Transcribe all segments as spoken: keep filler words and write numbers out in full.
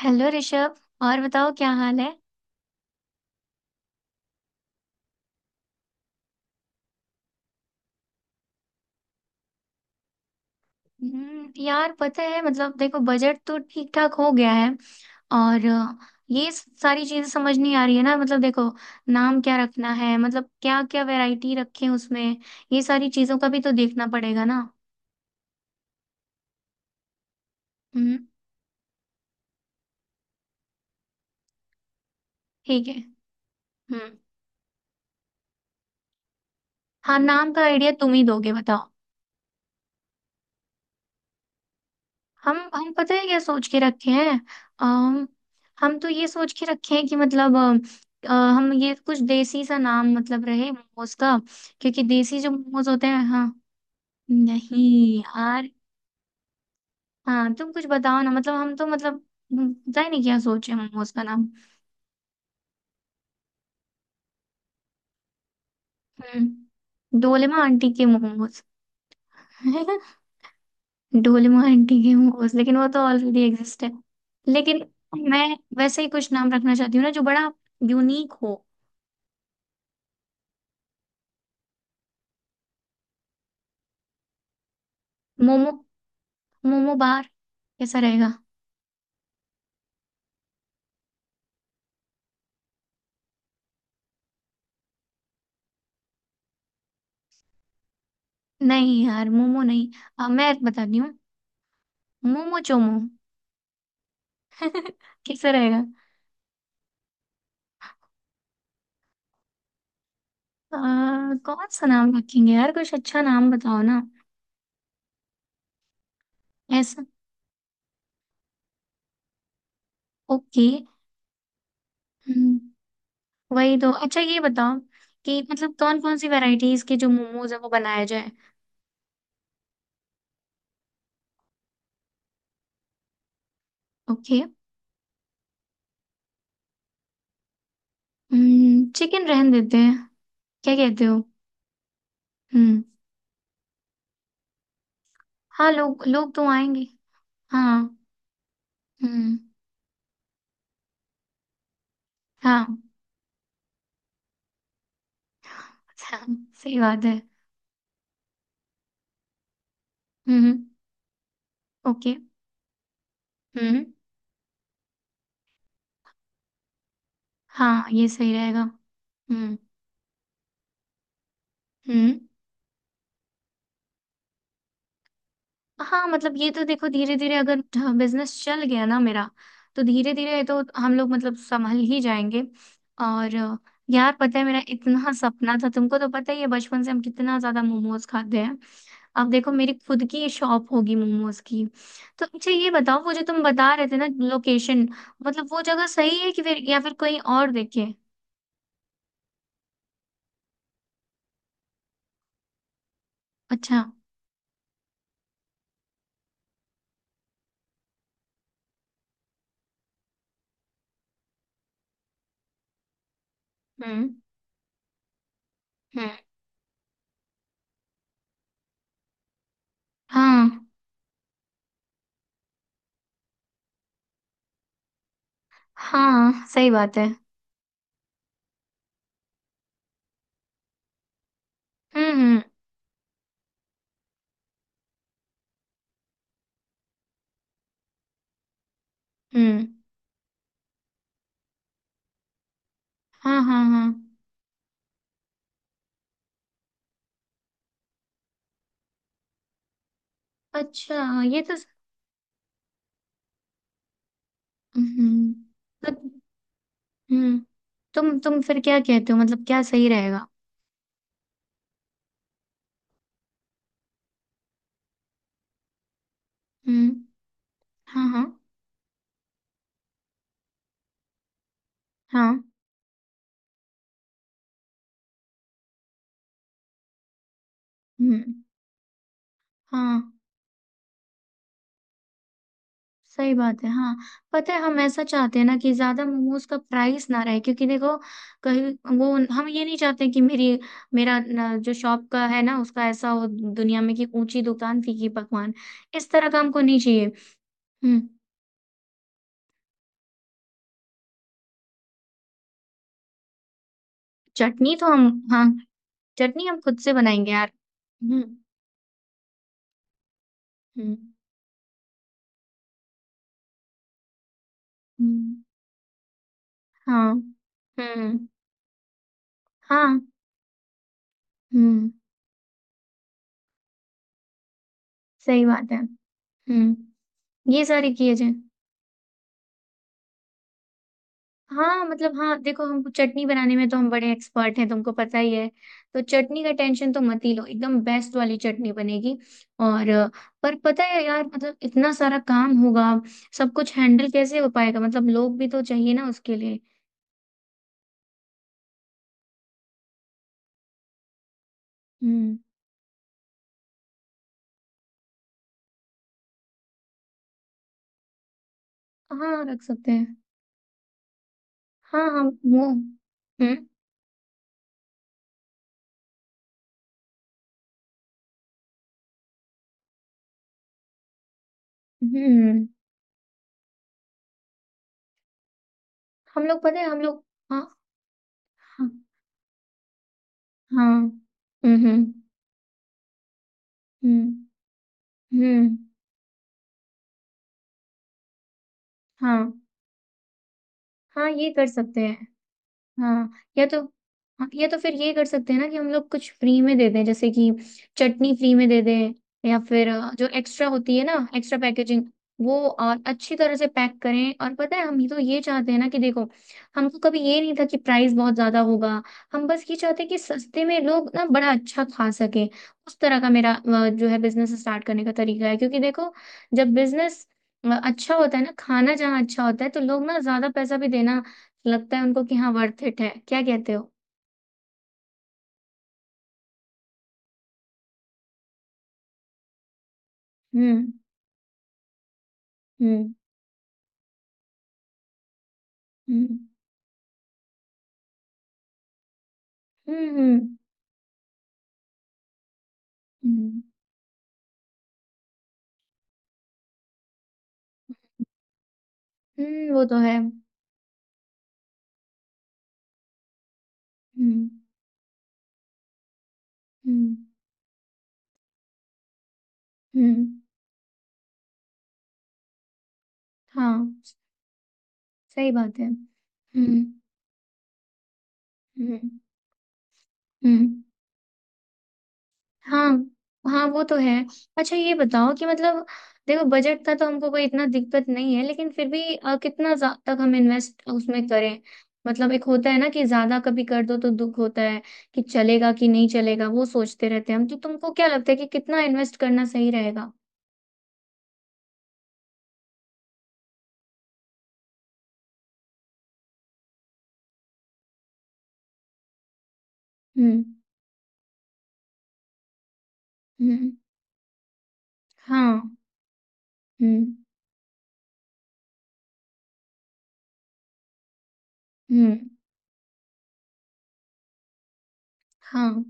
Hello Rishabh. और बताओ क्या हाल है। हम्म, यार पता है, मतलब देखो बजट तो ठीक ठाक हो गया है। और अ, ये सारी चीजें समझ नहीं आ रही है ना, मतलब देखो नाम क्या रखना है, मतलब क्या क्या वैरायटी रखें उसमें? ये सारी चीजों का भी तो देखना पड़ेगा ना। हम्म। ठीक है। हम्म। हाँ, नाम का आइडिया तुम ही दोगे, बताओ। हम हम पता है क्या सोच के रखे हैं। अम, हम तो ये सोच के रखे हैं कि मतलब अ, अ, हम ये कुछ देसी सा नाम मतलब रहे मोमोज का। क्योंकि देसी जो मोमोज होते हैं। हाँ। नहीं यार। हाँ, तुम कुछ बताओ ना, मतलब हम तो मतलब। हम्म, पता ही नहीं क्या सोचे मोमोज का नाम। हम्म डोलेमा आंटी के मोमोज। है ना? डोलेमा आंटी के मोमोज, लेकिन वो तो ऑलरेडी एग्जिस्ट है। लेकिन मैं वैसे ही कुछ नाम रखना चाहती हूँ ना जो बड़ा यूनिक हो। मोमो, मोमो बार कैसा रहेगा? नहीं यार, मोमो नहीं। अ, मैं बताती हूँ। मोमो चोमो। कैसा रहेगा? अ, कौन सा नाम रखेंगे यार, कुछ अच्छा नाम बताओ ना। ऐसा। ओके। हम्म, वही तो। अच्छा ये बताओ कि मतलब कौन कौन सी वैरायटीज के जो मोमोज है वो बनाया जाए। ओके। चिकन रहन देते हैं, क्या कहते हो? हम्म। हाँ, लोग लोग तो आएंगे। हाँ। हम्म। हाँ। सही बात है। हम्म। ओके। हम्म। हाँ, ये सही रहेगा। हम्म। हम्म। हाँ मतलब ये तो देखो, धीरे धीरे अगर बिजनेस चल गया ना मेरा, तो धीरे धीरे तो हम लोग मतलब संभल ही जाएंगे। और अ, यार पता है, मेरा इतना सपना था, तुमको तो पता ही है बचपन से हम कितना ज्यादा मोमोज खाते हैं। अब देखो, मेरी खुद की शॉप होगी मोमोज की। तो अच्छा ये बताओ, वो जो तुम बता रहे थे ना लोकेशन, मतलब वो जगह सही है कि फिर या फिर कोई और देखे? अच्छा। हम्म। हम्म। हाँ। हाँ सही बात है। हम्म। हम्म। हम्म। हाँ, हाँ, हाँ। अच्छा। ये तो। हम्म। मतलब। हम्म। तुम तुम फिर क्या कहते हो, मतलब क्या सही रहेगा? हम्म। हाँ, हाँ। हाँ। हम्म। हाँ सही बात है, हाँ। पता है, हम ऐसा चाहते हैं ना कि ज्यादा मोमोज का प्राइस ना रहे, क्योंकि देखो कहीं वो, हम ये नहीं चाहते कि मेरी, मेरा न, जो शॉप का है ना, उसका ऐसा हो दुनिया में कि ऊंची दुकान फीकी पकवान। इस तरह का हमको नहीं चाहिए। हम्म। चटनी तो हम। हाँ। चटनी हम खुद से बनाएंगे यार। हम्म, हम्म, हम्म। हाँ। हम्म। हाँ। हम्म। सही बात है। हम्म। ये सारी किए जाए। हाँ मतलब हाँ, देखो हमको चटनी बनाने में तो हम बड़े एक्सपर्ट हैं, तुमको पता ही है। तो चटनी का टेंशन तो मत ही लो, एकदम बेस्ट वाली चटनी बनेगी। और अ, पर पता है यार, मतलब इतना सारा काम होगा, सब कुछ हैंडल कैसे हो पाएगा? मतलब लोग भी तो चाहिए ना उसके लिए। हम्म। हाँ, रख सकते हैं। हाँ, हाँ। वो, हम्म। हम्म हम लोग पता है, हम लोग। हाँ, हाँ, हाँ। हम्म, हम्म, हम्म, हम्म। हाँ। हाँ, ये कर सकते हैं। हाँ। या तो। हाँ, या तो फिर ये कर सकते हैं ना कि हम लोग कुछ फ्री में दे दें, जैसे कि चटनी फ्री में दे दें। या फिर अ, जो एक्स्ट्रा होती है ना, एक्स्ट्रा पैकेजिंग वो और अच्छी तरह से पैक करें। और पता है, हम ये तो ये चाहते हैं ना कि देखो, हमको कभी ये नहीं था कि प्राइस बहुत ज्यादा होगा। हम बस ये चाहते हैं कि सस्ते में लोग ना बड़ा अच्छा खा सके। उस तरह का मेरा अ, जो है बिजनेस स्टार्ट करने का तरीका है, क्योंकि देखो जब बिजनेस अच्छा होता है ना, खाना जहाँ अच्छा होता है तो लोग ना ज्यादा पैसा भी देना, लगता है उनको कि हाँ वर्थ इट है। क्या कहते हो? हम्म, हम्म, हम्म, हम्म, हम्म, हम्म, हम्म। वो तो है। हम्म, हम्म, हम्म। हाँ सही बात है। हम्म, हम्म, हम्म। हाँ, हाँ, वो तो है। अच्छा ये बताओ कि मतलब देखो बजट का तो हमको कोई इतना दिक्कत नहीं है, लेकिन फिर भी अ, कितना जा- तक हम इन्वेस्ट उसमें करें। मतलब एक होता है ना कि ज्यादा कभी कर दो तो दुख होता है कि चलेगा कि नहीं चलेगा, वो सोचते रहते हैं हम, तो तुमको क्या लगता है कि कितना इन्वेस्ट करना सही रहेगा? हम्म, हम्म। हाँ। हम्म, हम्म। हाँ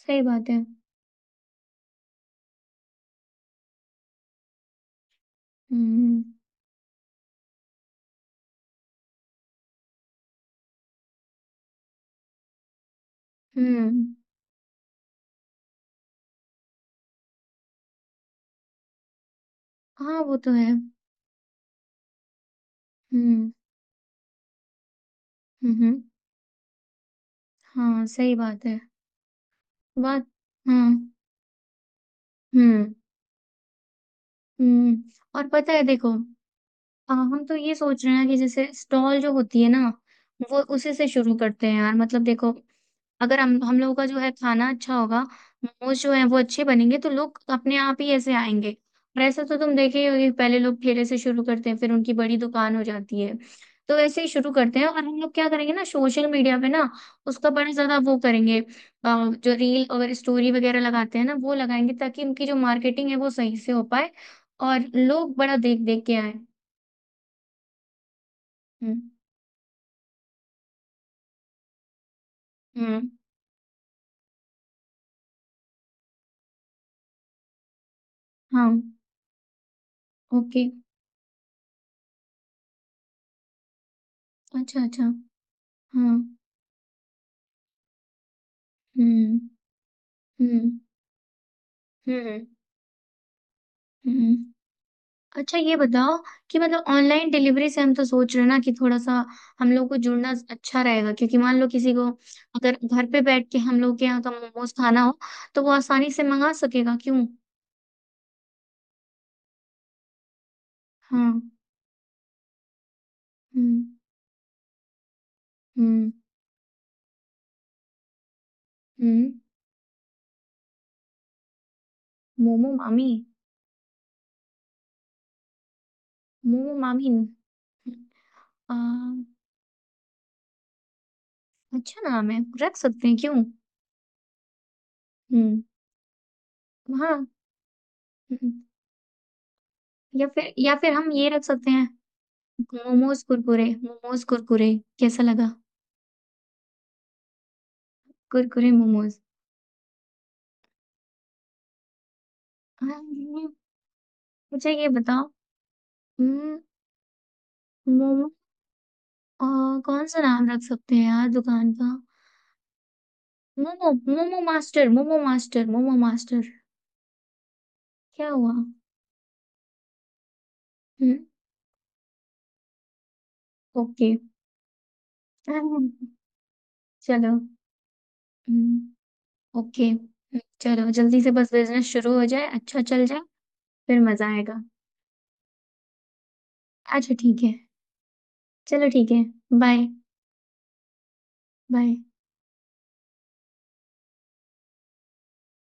सही बात है। हम्म, हम्म। हाँ, वो तो है। हम्म, हम्म, हम्म। हाँ सही बात है, बात हाँ। हुँ, हुँ। और पता है देखो, आ, हम तो ये सोच रहे हैं कि जैसे स्टॉल जो होती है ना, वो उसी से शुरू करते हैं यार, मतलब देखो अगर हम हम लोगों का जो है खाना अच्छा होगा, मोमोज जो है वो अच्छे बनेंगे, तो लोग अपने आप ही ऐसे आएंगे। और ऐसा तो तुम देखे ही होगे, पहले लोग ठेले से शुरू करते हैं फिर उनकी बड़ी दुकान हो जाती है। तो ऐसे ही शुरू करते हैं। और हम लोग क्या करेंगे ना, सोशल मीडिया पे ना उसका बड़ा ज्यादा वो करेंगे। आ, जो रील और स्टोरी वगैरह लगाते हैं ना, वो लगाएंगे ताकि उनकी जो मार्केटिंग है वो सही से हो पाए। और लोग बड़ा देख देख के आए। हुँ, हुँ, हाँ, ओके, अच्छा, अच्छा, हाँ, हुँ, हुँ, हुँ, हुँ। अच्छा ये बताओ कि मतलब ऑनलाइन डिलीवरी से हम तो सोच रहे हैं ना कि थोड़ा-सा हम लोग को जुड़ना अच्छा रहेगा, क्योंकि मान लो किसी को अगर घर पे बैठ के हम लोग के यहाँ का मोमोज़ खाना हो, तो वो आसानी से मँगा सकेगा, क्यों? हाँ, हुँ, हुँ, हुँ। मोमो मामी, मोमो मामी। अ, अच्छा नाम है, रख सकते हैं, क्यों? हुँ। हाँ। हम्म। या फिर या फिर हम ये रख सकते हैं, मोमोज कुरकुरे, मोमोज कुरकुरे, कैसा लगा? कुरकुरे मोमोज। हाँ, ये- मुझे ये बताओ। हम्म, मोमो, अ, कौन सा नाम रख सकते हैं यार दुकान का? Momo, momo master, momo master, momo master. क्या हुआ? हम्म। ओके। हम्म, चलो। हम्म। ओके, हम्म, चलो जल्दी से बस बिजनेस शुरू हो जाए, अच्छा चल जाए। फिर मजा आएगा। अच्छा ठीक है। चलो ठीक है। बाय। बाय।